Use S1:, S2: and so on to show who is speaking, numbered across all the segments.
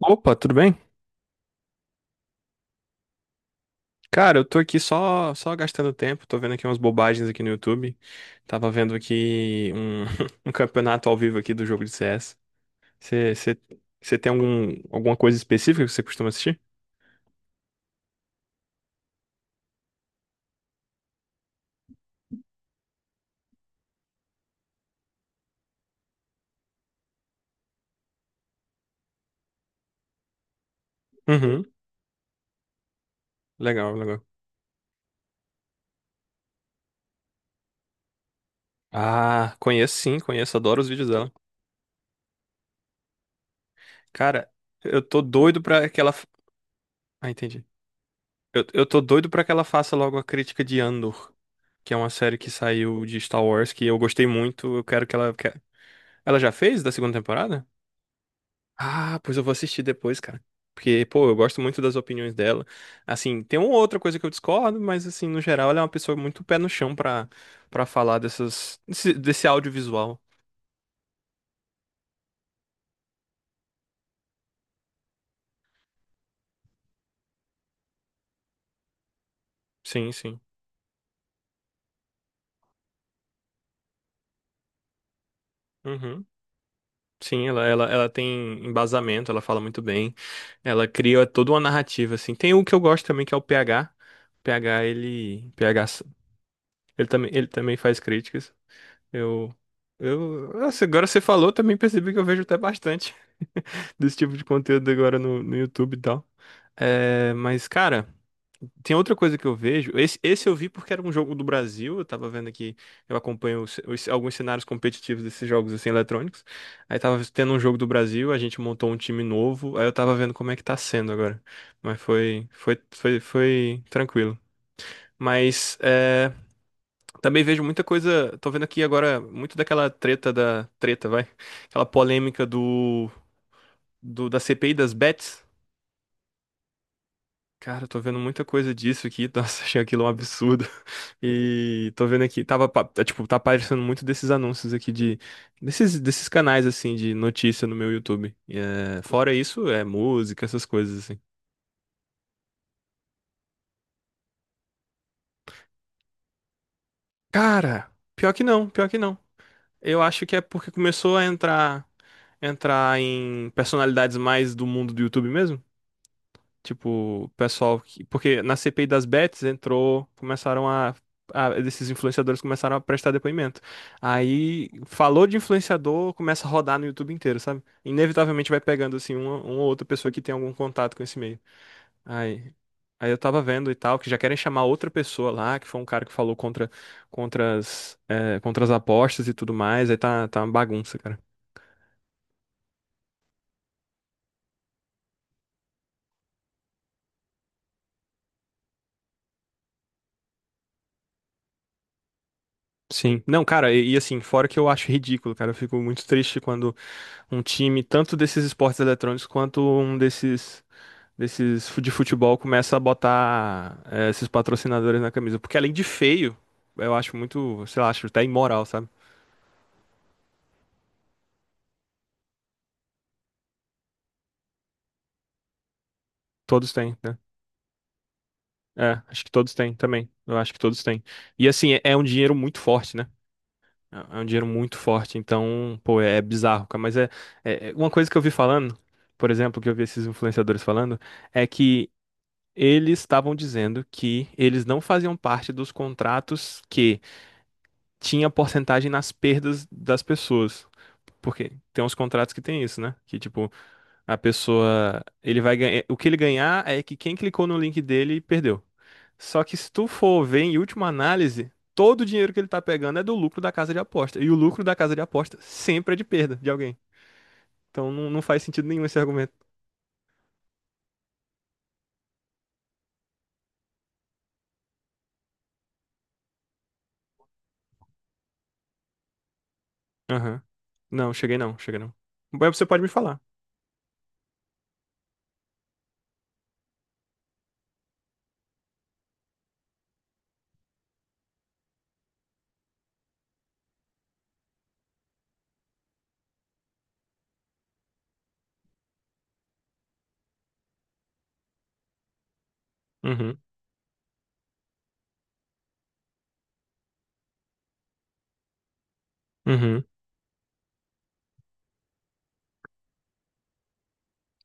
S1: Opa, tudo bem? Cara, eu tô aqui só gastando tempo, tô vendo aqui umas bobagens aqui no YouTube. Tava vendo aqui um campeonato ao vivo aqui do jogo de CS. Você você tem alguma coisa específica que você costuma assistir? Uhum. Legal, legal. Ah, conheço sim, conheço, adoro os vídeos dela. Cara, eu tô doido pra aquela. Ah, entendi. Eu tô doido pra que ela faça logo a crítica de Andor, que é uma série que saiu de Star Wars, que eu gostei muito. Eu quero que ela. Ela já fez da segunda temporada? Ah, pois eu vou assistir depois, cara. Porque, pô, eu gosto muito das opiniões dela. Assim, tem uma outra coisa que eu discordo, mas, assim, no geral, ela é uma pessoa muito pé no chão pra falar desse audiovisual. Sim, sim. Uhum. Sim, ela tem embasamento, ela fala muito bem. Ela cria toda uma narrativa, assim. Tem um que eu gosto também, que é o PH. O PH, ele. Ele também faz críticas. Eu. Eu. Nossa, agora você falou, também percebi que eu vejo até bastante desse tipo de conteúdo agora no YouTube e tal. É, mas, cara. Tem outra coisa que eu vejo. Esse eu vi porque era um jogo do Brasil. Eu tava vendo aqui, eu acompanho alguns cenários competitivos desses jogos assim eletrônicos. Aí tava tendo um jogo do Brasil, a gente montou um time novo. Aí eu tava vendo como é que tá sendo agora. Mas foi tranquilo. Mas é, também vejo muita coisa. Tô vendo aqui agora muito daquela treta da treta, vai. Aquela polêmica do, do da CPI das bets. Cara, eu tô vendo muita coisa disso aqui. Nossa, achei aquilo um absurdo. E tô vendo aqui, tipo, tá aparecendo muito desses anúncios aqui desses canais, assim, de notícia no meu YouTube. E, é, fora isso, é música, essas coisas, assim. Cara, pior que não. Eu acho que é porque começou a entrar em personalidades mais do mundo do YouTube mesmo. Tipo, o pessoal que... Porque na CPI das bets entrou, começaram esses influenciadores começaram a prestar depoimento. Aí, falou de influenciador, começa a rodar no YouTube inteiro, sabe? Inevitavelmente vai pegando, assim, uma ou outra pessoa que tem algum contato com esse meio. Aí, aí eu tava vendo e tal, que já querem chamar outra pessoa lá, que foi um cara que falou contra as apostas e tudo mais. Aí tá uma bagunça, cara. Sim. Não, cara, assim, fora que eu acho ridículo, cara, eu fico muito triste quando um time, tanto desses esportes eletrônicos quanto desses de futebol, começa a botar esses patrocinadores na camisa. Porque além de feio, eu acho muito, sei lá, acho até imoral, sabe? Todos têm, né? É, acho que todos têm também. Eu acho que todos têm. E assim, é um dinheiro muito forte, né? É um dinheiro muito forte, então, pô, é bizarro, cara. Mas é, é uma coisa que eu vi falando, por exemplo, que eu vi esses influenciadores falando, é que eles estavam dizendo que eles não faziam parte dos contratos que tinha porcentagem nas perdas das pessoas. Porque tem uns contratos que tem isso, né? Que tipo, a pessoa, ele vai ganhar, o que ele ganhar é que quem clicou no link dele perdeu. Só que se tu for ver em última análise, todo o dinheiro que ele tá pegando é do lucro da casa de aposta. E o lucro da casa de aposta sempre é de perda de alguém. Então não faz sentido nenhum esse argumento. Aham. Não, cheguei não. Mas você pode me falar. Uhum. Uhum.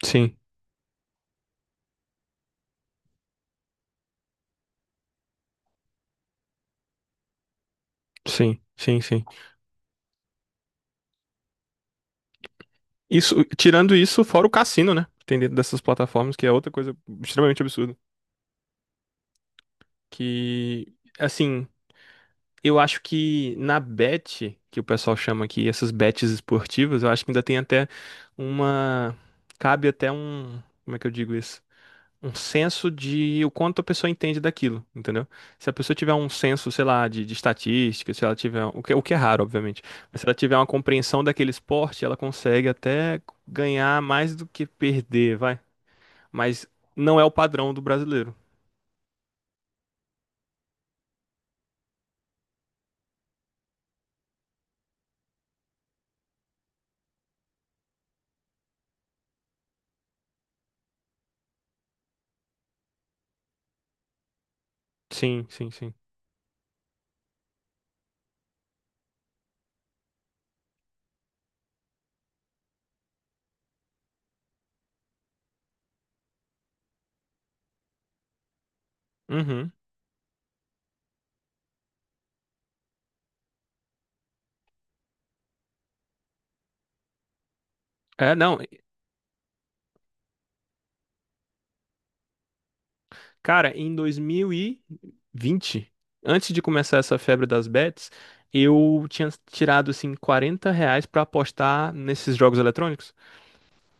S1: Sim, sim. Isso, tirando isso, fora o cassino, né? Que tem dentro dessas plataformas, que é outra coisa extremamente absurda. Que, assim, eu acho que na bet, que o pessoal chama aqui, essas bets esportivas, eu acho que ainda tem até uma. Cabe até um. Como é que eu digo isso? Um senso de o quanto a pessoa entende daquilo, entendeu? Se a pessoa tiver um senso, sei lá, de estatística, se ela tiver. O que é raro, obviamente. Mas se ela tiver uma compreensão daquele esporte, ela consegue até ganhar mais do que perder, vai. Mas não é o padrão do brasileiro. Sim, sim, sim. Uhum. É, não. Cara, em 2020, antes de começar essa febre das bets, eu tinha tirado assim R$ 40 pra apostar nesses jogos eletrônicos.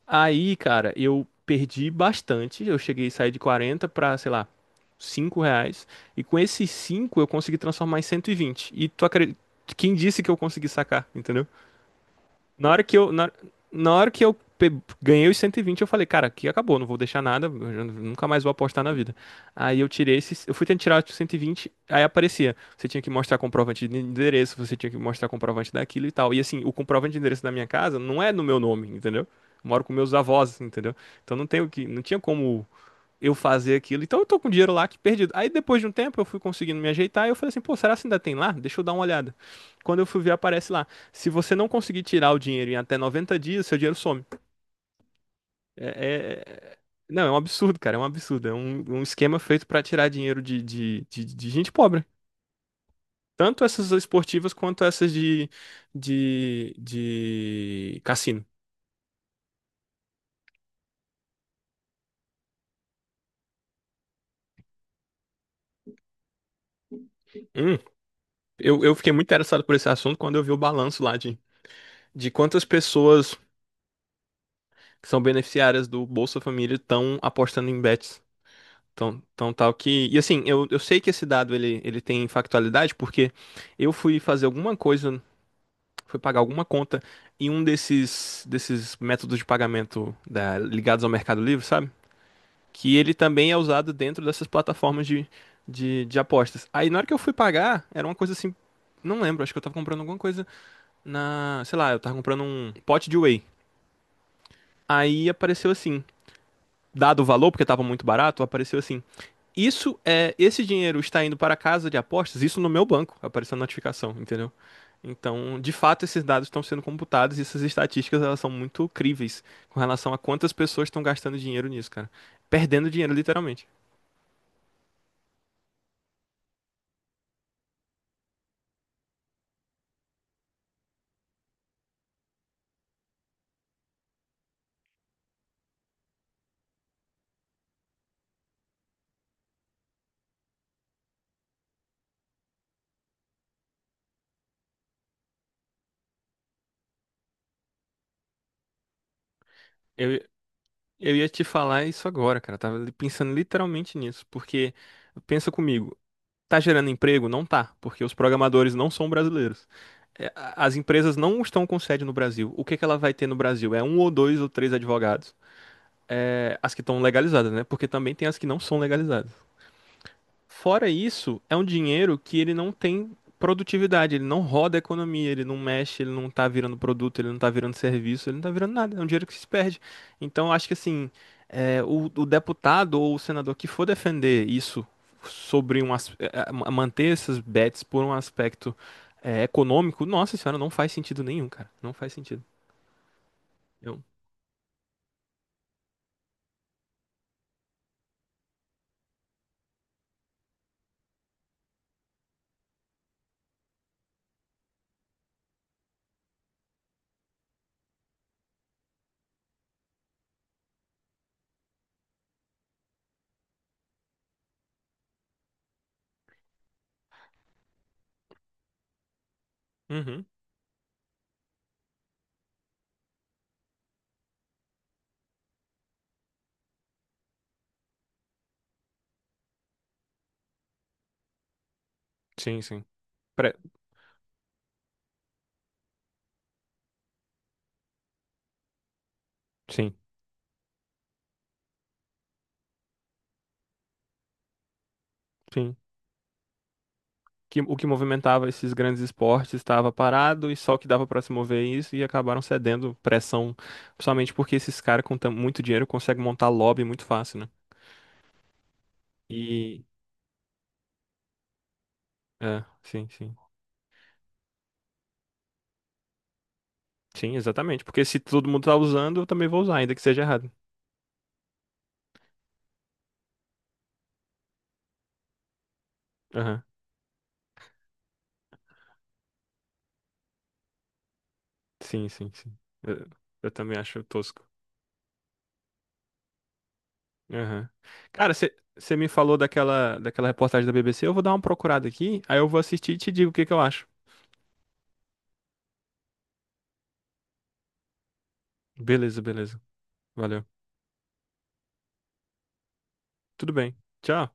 S1: Aí, cara, eu perdi bastante. Eu cheguei a sair de 40 pra, sei lá, R$ 5. E com esses 5 eu consegui transformar em 120. E tu acredita? Quem disse que eu consegui sacar, entendeu? Na hora que eu, na, na hora que ganhei os 120, eu falei, cara, aqui acabou, não vou deixar nada, eu já nunca mais vou apostar na vida. Aí eu tirei esses, eu fui tentar tirar os 120, aí aparecia, você tinha que mostrar comprovante de endereço, você tinha que mostrar comprovante daquilo e tal. E assim, o comprovante de endereço da minha casa não é no meu nome, entendeu? Eu moro com meus avós, entendeu? Então não tenho que, não tinha como eu fazer aquilo. Então eu tô com dinheiro lá que perdido. Aí depois de um tempo eu fui conseguindo me ajeitar e eu falei assim, pô, será que ainda tem lá? Deixa eu dar uma olhada. Quando eu fui ver, aparece lá. Se você não conseguir tirar o dinheiro em até 90 dias, seu dinheiro some. É, é- é, Não, é um absurdo, cara, é um absurdo. É um esquema feito pra tirar dinheiro de gente pobre. Tanto essas esportivas quanto essas de cassino. Hum, eu fiquei muito interessado por esse assunto quando eu vi o balanço lá de quantas pessoas que são beneficiárias do Bolsa Família estão apostando em bets. Então, então tal que. E assim, eu sei que esse dado ele tem factualidade, porque eu fui fazer alguma coisa, fui pagar alguma conta em um desses métodos de pagamento ligados ao Mercado Livre, sabe? Que ele também é usado dentro dessas plataformas de apostas. Aí na hora que eu fui pagar, era uma coisa assim. Não lembro, acho que eu tava comprando alguma coisa na. Sei lá, eu tava comprando um pote de whey. Aí apareceu assim. Dado o valor porque estava muito barato, apareceu assim: isso é esse dinheiro está indo para a casa de apostas, isso no meu banco, apareceu a notificação, entendeu? Então, de fato, esses dados estão sendo computados e essas estatísticas elas são muito críveis com relação a quantas pessoas estão gastando dinheiro nisso, cara. Perdendo dinheiro, literalmente. Eu, eu ia te falar isso agora, cara. Eu tava pensando literalmente nisso, porque pensa comigo, tá gerando emprego? Não tá, porque os programadores não são brasileiros. É, as empresas não estão com sede no Brasil. O que que ela vai ter no Brasil? É um ou dois ou três advogados. É, as que estão legalizadas, né? Porque também tem as que não são legalizadas. Fora isso, é um dinheiro que ele não tem produtividade, ele não roda a economia, ele não mexe, ele não tá virando produto, ele não tá virando serviço, ele não tá virando nada. É um dinheiro que se perde. Então, eu acho que assim, o deputado ou o senador que for defender isso sobre manter essas bets por um aspecto econômico, nossa senhora, não faz sentido nenhum, cara. Não faz sentido. Eu... Uhum. Sim, sim. Pre- Sim, sim. Que o que movimentava esses grandes esportes estava parado e só o que dava para se mover é isso e acabaram cedendo pressão, principalmente porque esses caras com muito dinheiro conseguem montar lobby muito fácil, né? E sim. Sim, exatamente, porque se todo mundo tá usando, eu também vou usar, ainda que seja errado. Aham. Sim. Eu, eu também acho tosco. Aham. Cara, você me falou daquela reportagem da BBC, eu vou dar uma procurada aqui, aí eu vou assistir e te digo o que que eu acho. Beleza, beleza. Valeu. Tudo bem. Tchau.